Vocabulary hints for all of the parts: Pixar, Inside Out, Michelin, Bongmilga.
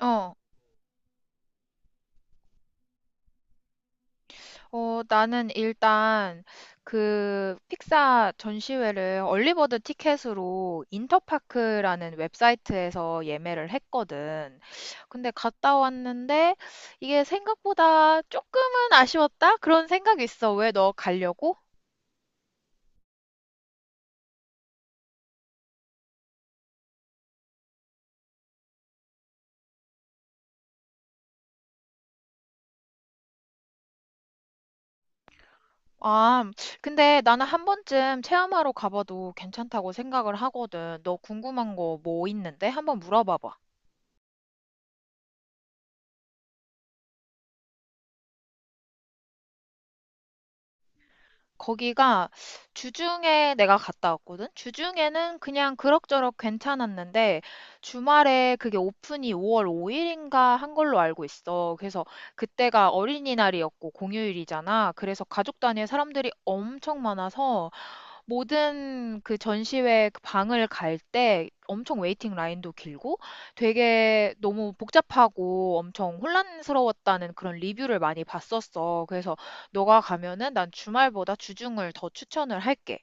어, 어, 나는 일단 그 픽사 전시회를 얼리버드 티켓으로 인터파크라는 웹사이트에서 예매를 했거든. 근데 갔다 왔는데 이게 생각보다 조금은 아쉬웠다? 그런 생각이 있어. 왜, 너 가려고? 아, 근데 나는 한 번쯤 체험하러 가봐도 괜찮다고 생각을 하거든. 너 궁금한 거 뭐 있는데? 한번 물어봐봐. 거기가 주중에 내가 갔다 왔거든? 주중에는 그냥 그럭저럭 괜찮았는데, 주말에 그게 오픈이 5월 5일인가 한 걸로 알고 있어. 그래서 그때가 어린이날이었고 공휴일이잖아. 그래서 가족 단위의 사람들이 엄청 많아서, 모든 그 전시회 그 방을 갈 때 엄청 웨이팅 라인도 길고 되게 너무 복잡하고 엄청 혼란스러웠다는 그런 리뷰를 많이 봤었어. 그래서 너가 가면은 난 주말보다 주중을 더 추천을 할게.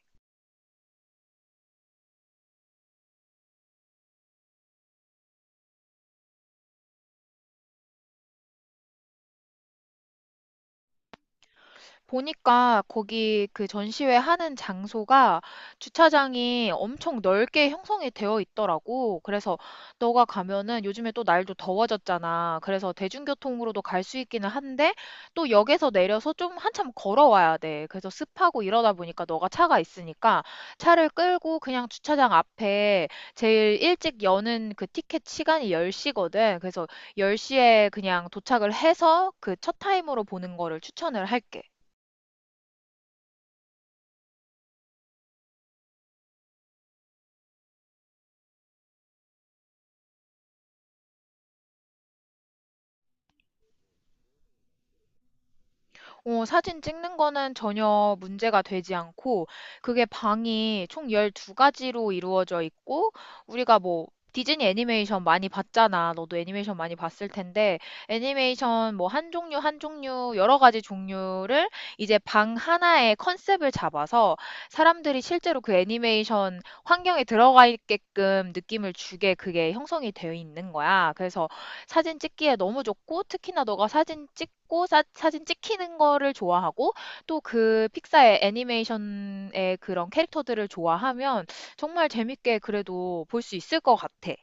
보니까 거기 그 전시회 하는 장소가 주차장이 엄청 넓게 형성이 되어 있더라고. 그래서 너가 가면은 요즘에 또 날도 더워졌잖아. 그래서 대중교통으로도 갈 수 있기는 한데, 또 역에서 내려서 좀 한참 걸어와야 돼. 그래서 습하고 이러다 보니까 너가 차가 있으니까 차를 끌고 그냥 주차장 앞에, 제일 일찍 여는 그 티켓 시간이 10시거든. 그래서 10시에 그냥 도착을 해서 그 첫 타임으로 보는 거를 추천을 할게. 어, 사진 찍는 거는 전혀 문제가 되지 않고, 그게 방이 총 12가지로 이루어져 있고, 우리가 뭐, 디즈니 애니메이션 많이 봤잖아. 너도 애니메이션 많이 봤을 텐데, 애니메이션 뭐 한 종류, 한 종류, 여러 가지 종류를 이제 방 하나의 컨셉을 잡아서 사람들이 실제로 그 애니메이션 환경에 들어가 있게끔 느낌을 주게 그게 형성이 되어 있는 거야. 그래서 사진 찍기에 너무 좋고, 특히나 너가 사진 찍고 사진 찍히는 거를 좋아하고 또 그 픽사의 애니메이션의 그런 캐릭터들을 좋아하면 정말 재밌게 그래도 볼 수 있을 것 같아.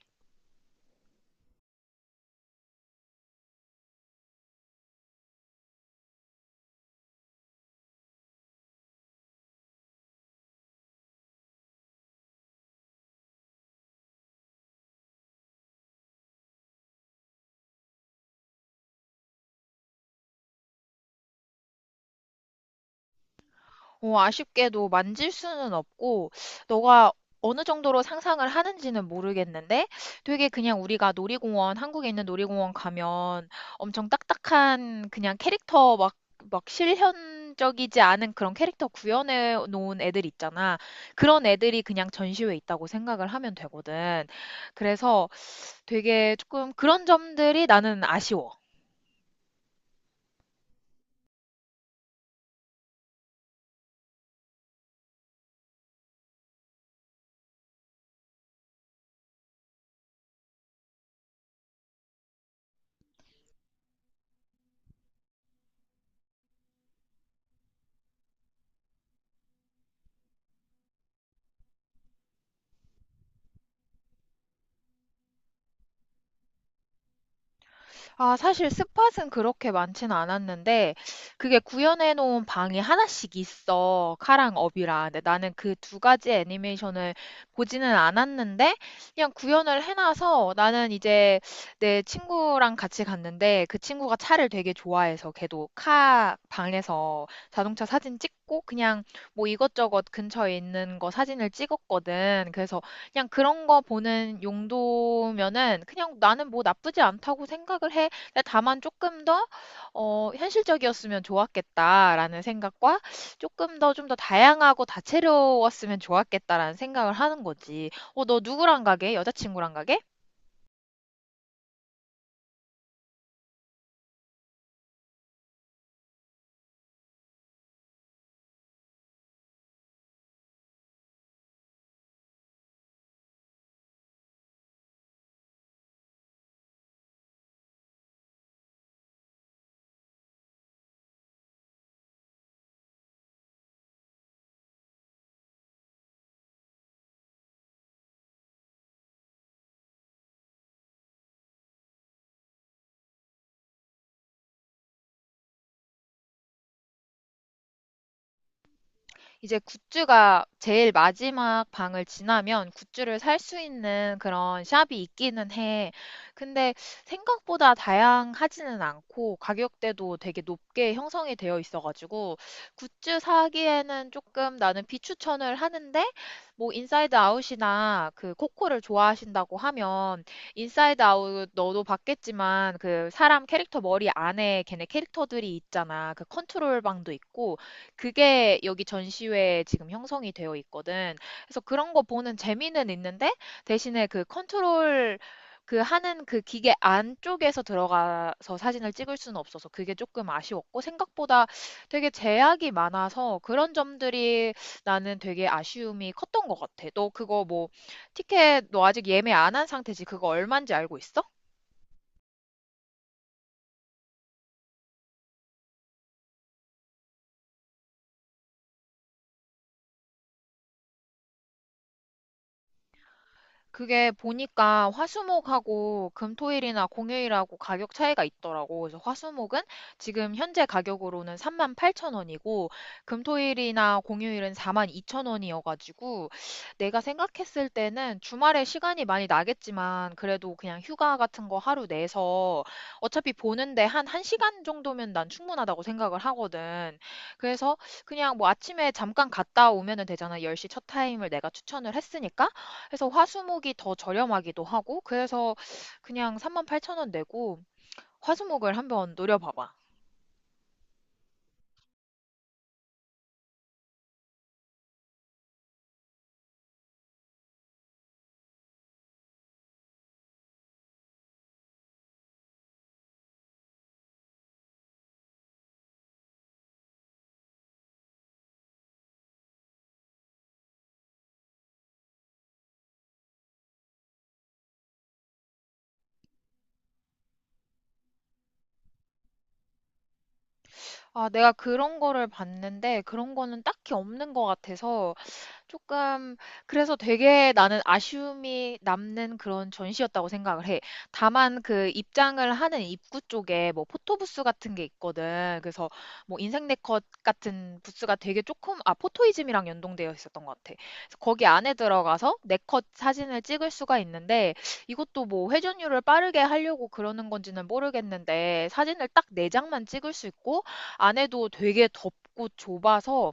어, 아쉽게도 만질 수는 없고, 너가 어느 정도로 상상을 하는지는 모르겠는데, 되게 그냥 우리가 놀이공원, 한국에 있는 놀이공원 가면 엄청 딱딱한 그냥 캐릭터 막, 막 실현적이지 않은 그런 캐릭터 구현해 놓은 애들 있잖아. 그런 애들이 그냥 전시회에 있다고 생각을 하면 되거든. 그래서 되게 조금 그런 점들이 나는 아쉬워. 아, 사실 스팟은 그렇게 많지는 않았는데, 그게 구현해 놓은 방이 하나씩 있어, 카랑 업이라. 근데 나는 그 두 가지 애니메이션을 보지는 않았는데, 그냥 구현을 해놔서 나는 이제 내 친구랑 같이 갔는데, 그 친구가 차를 되게 좋아해서 걔도 카 방에서 자동차 사진 찍고, 그냥 뭐 이것저것 근처에 있는 거 사진을 찍었거든. 그래서 그냥 그런 거 보는 용도면은 그냥 나는 뭐 나쁘지 않다고 생각을 해. 근데 다만 조금 더 '현실적이었으면 좋았겠다.'라는 생각과 조금 더 좀 더 다양하고 다채로웠으면 좋았겠다.'라는 생각을 하는 거지. "어, 너 누구랑 가게? 여자친구랑 가게?" 이제 굿즈가 제일 마지막 방을 지나면 굿즈를 살 수 있는 그런 샵이 있기는 해. 근데 생각보다 다양하지는 않고 가격대도 되게 높게 형성이 되어 있어가지고 굿즈 사기에는 조금 나는 비추천을 하는데, 뭐 인사이드 아웃이나 그 코코를 좋아하신다고 하면, 인사이드 아웃 너도 봤겠지만 그 사람 캐릭터 머리 안에 걔네 캐릭터들이 있잖아. 그 컨트롤 방도 있고 그게 여기 전시회에 지금 형성이 되어 있거든. 그래서 그런 거 보는 재미는 있는데, 대신에 그 컨트롤 그 하는 그 기계 안쪽에서 들어가서 사진을 찍을 수는 없어서 그게 조금 아쉬웠고, 생각보다 되게 제약이 많아서 그런 점들이 나는 되게 아쉬움이 컸던 것 같아. 너 그거 뭐 티켓 너 아직 예매 안 한 상태지? 그거 얼마인지 알고 있어? 그게 보니까 화수목하고 금토일이나 공휴일하고 가격 차이가 있더라고. 그래서 화수목은 지금 현재 가격으로는 38,000원이고, 금토일이나 공휴일은 42,000원이어가지고, 내가 생각했을 때는 주말에 시간이 많이 나겠지만 그래도 그냥 휴가 같은 거 하루 내서 어차피 보는데 한 1시간 정도면 난 충분하다고 생각을 하거든. 그래서 그냥 뭐 아침에 잠깐 갔다 오면은 되잖아. 10시 첫 타임을 내가 추천을 했으니까. 해서 화수목이 더 저렴하기도 하고 그래서 그냥 38,000원 내고 화수목을 한번 노려봐봐. 아, 내가 그런 거를 봤는데 그런 거는 딱히 없는 것 같아서 조금, 그래서 되게 나는 아쉬움이 남는 그런 전시였다고 생각을 해. 다만 그 입장을 하는 입구 쪽에 뭐 포토부스 같은 게 있거든. 그래서 뭐 인생 네컷 같은 부스가 되게 조금, 아 포토이즘이랑 연동되어 있었던 것 같아. 그래서 거기 안에 들어가서 네컷 사진을 찍을 수가 있는데, 이것도 뭐 회전율을 빠르게 하려고 그러는 건지는 모르겠는데 사진을 딱 4 장만 찍을 수 있고 안에도 되게 덥고 좁아서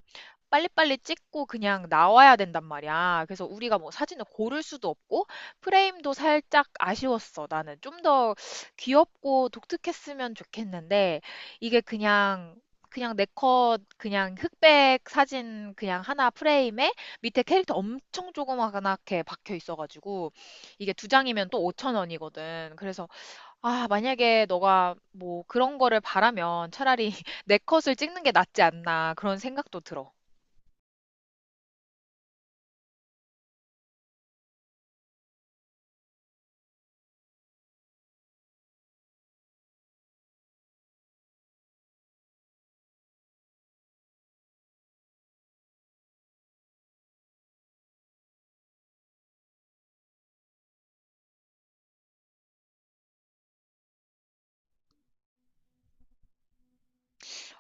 빨리빨리 찍고 그냥 나와야 된단 말이야. 그래서 우리가 뭐 사진을 고를 수도 없고 프레임도 살짝 아쉬웠어. 나는 좀 더 귀엽고 독특했으면 좋겠는데, 이게 그냥, 그냥 내 컷 그냥 흑백 사진 그냥 하나 프레임에 밑에 캐릭터 엄청 조그맣게 박혀 있어가지고, 이게 두 장이면 또 5천 원이거든. 그래서 아, 만약에 너가 뭐 그런 거를 바라면 차라리 내 컷을 찍는 게 낫지 않나, 그런 생각도 들어.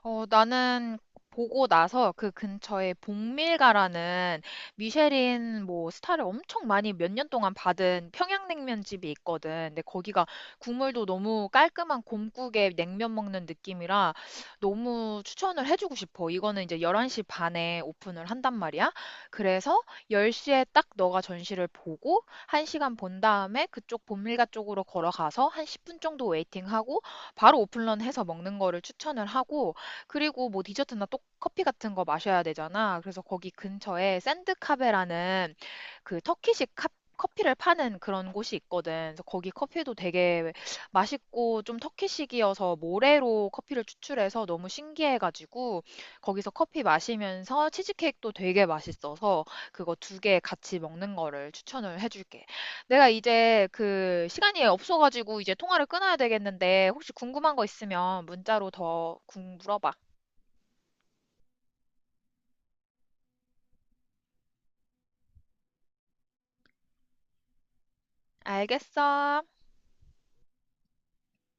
어, 나는 보고 나서 그 근처에 봉밀가라는 미쉐린 뭐 스타를 엄청 많이 몇 년 동안 받은 평양냉면 집이 있거든. 근데 거기가 국물도 너무 깔끔한 곰국에 냉면 먹는 느낌이라 너무 추천을 해주고 싶어. 이거는 이제 11시 반에 오픈을 한단 말이야. 그래서 10시에 딱 너가 전시를 보고 1시간 본 다음에 그쪽 본밀가 쪽으로 걸어가서 한 10분 정도 웨이팅하고 바로 오픈런 해서 먹는 거를 추천을 하고, 그리고 뭐 디저트나 또 커피 같은 거 마셔야 되잖아. 그래서 거기 근처에 샌드카베라는 그 터키식 커피를 파는 그런 곳이 있거든. 그래서 거기 커피도 되게 맛있고 좀 터키식이어서 모래로 커피를 추출해서 너무 신기해가지고 거기서 커피 마시면서 치즈케이크도 되게 맛있어서 그거 두 개 같이 먹는 거를 추천을 해줄게. 내가 이제 그 시간이 없어가지고 이제 통화를 끊어야 되겠는데, 혹시 궁금한 거 있으면 문자로 더 물어봐. 알겠어.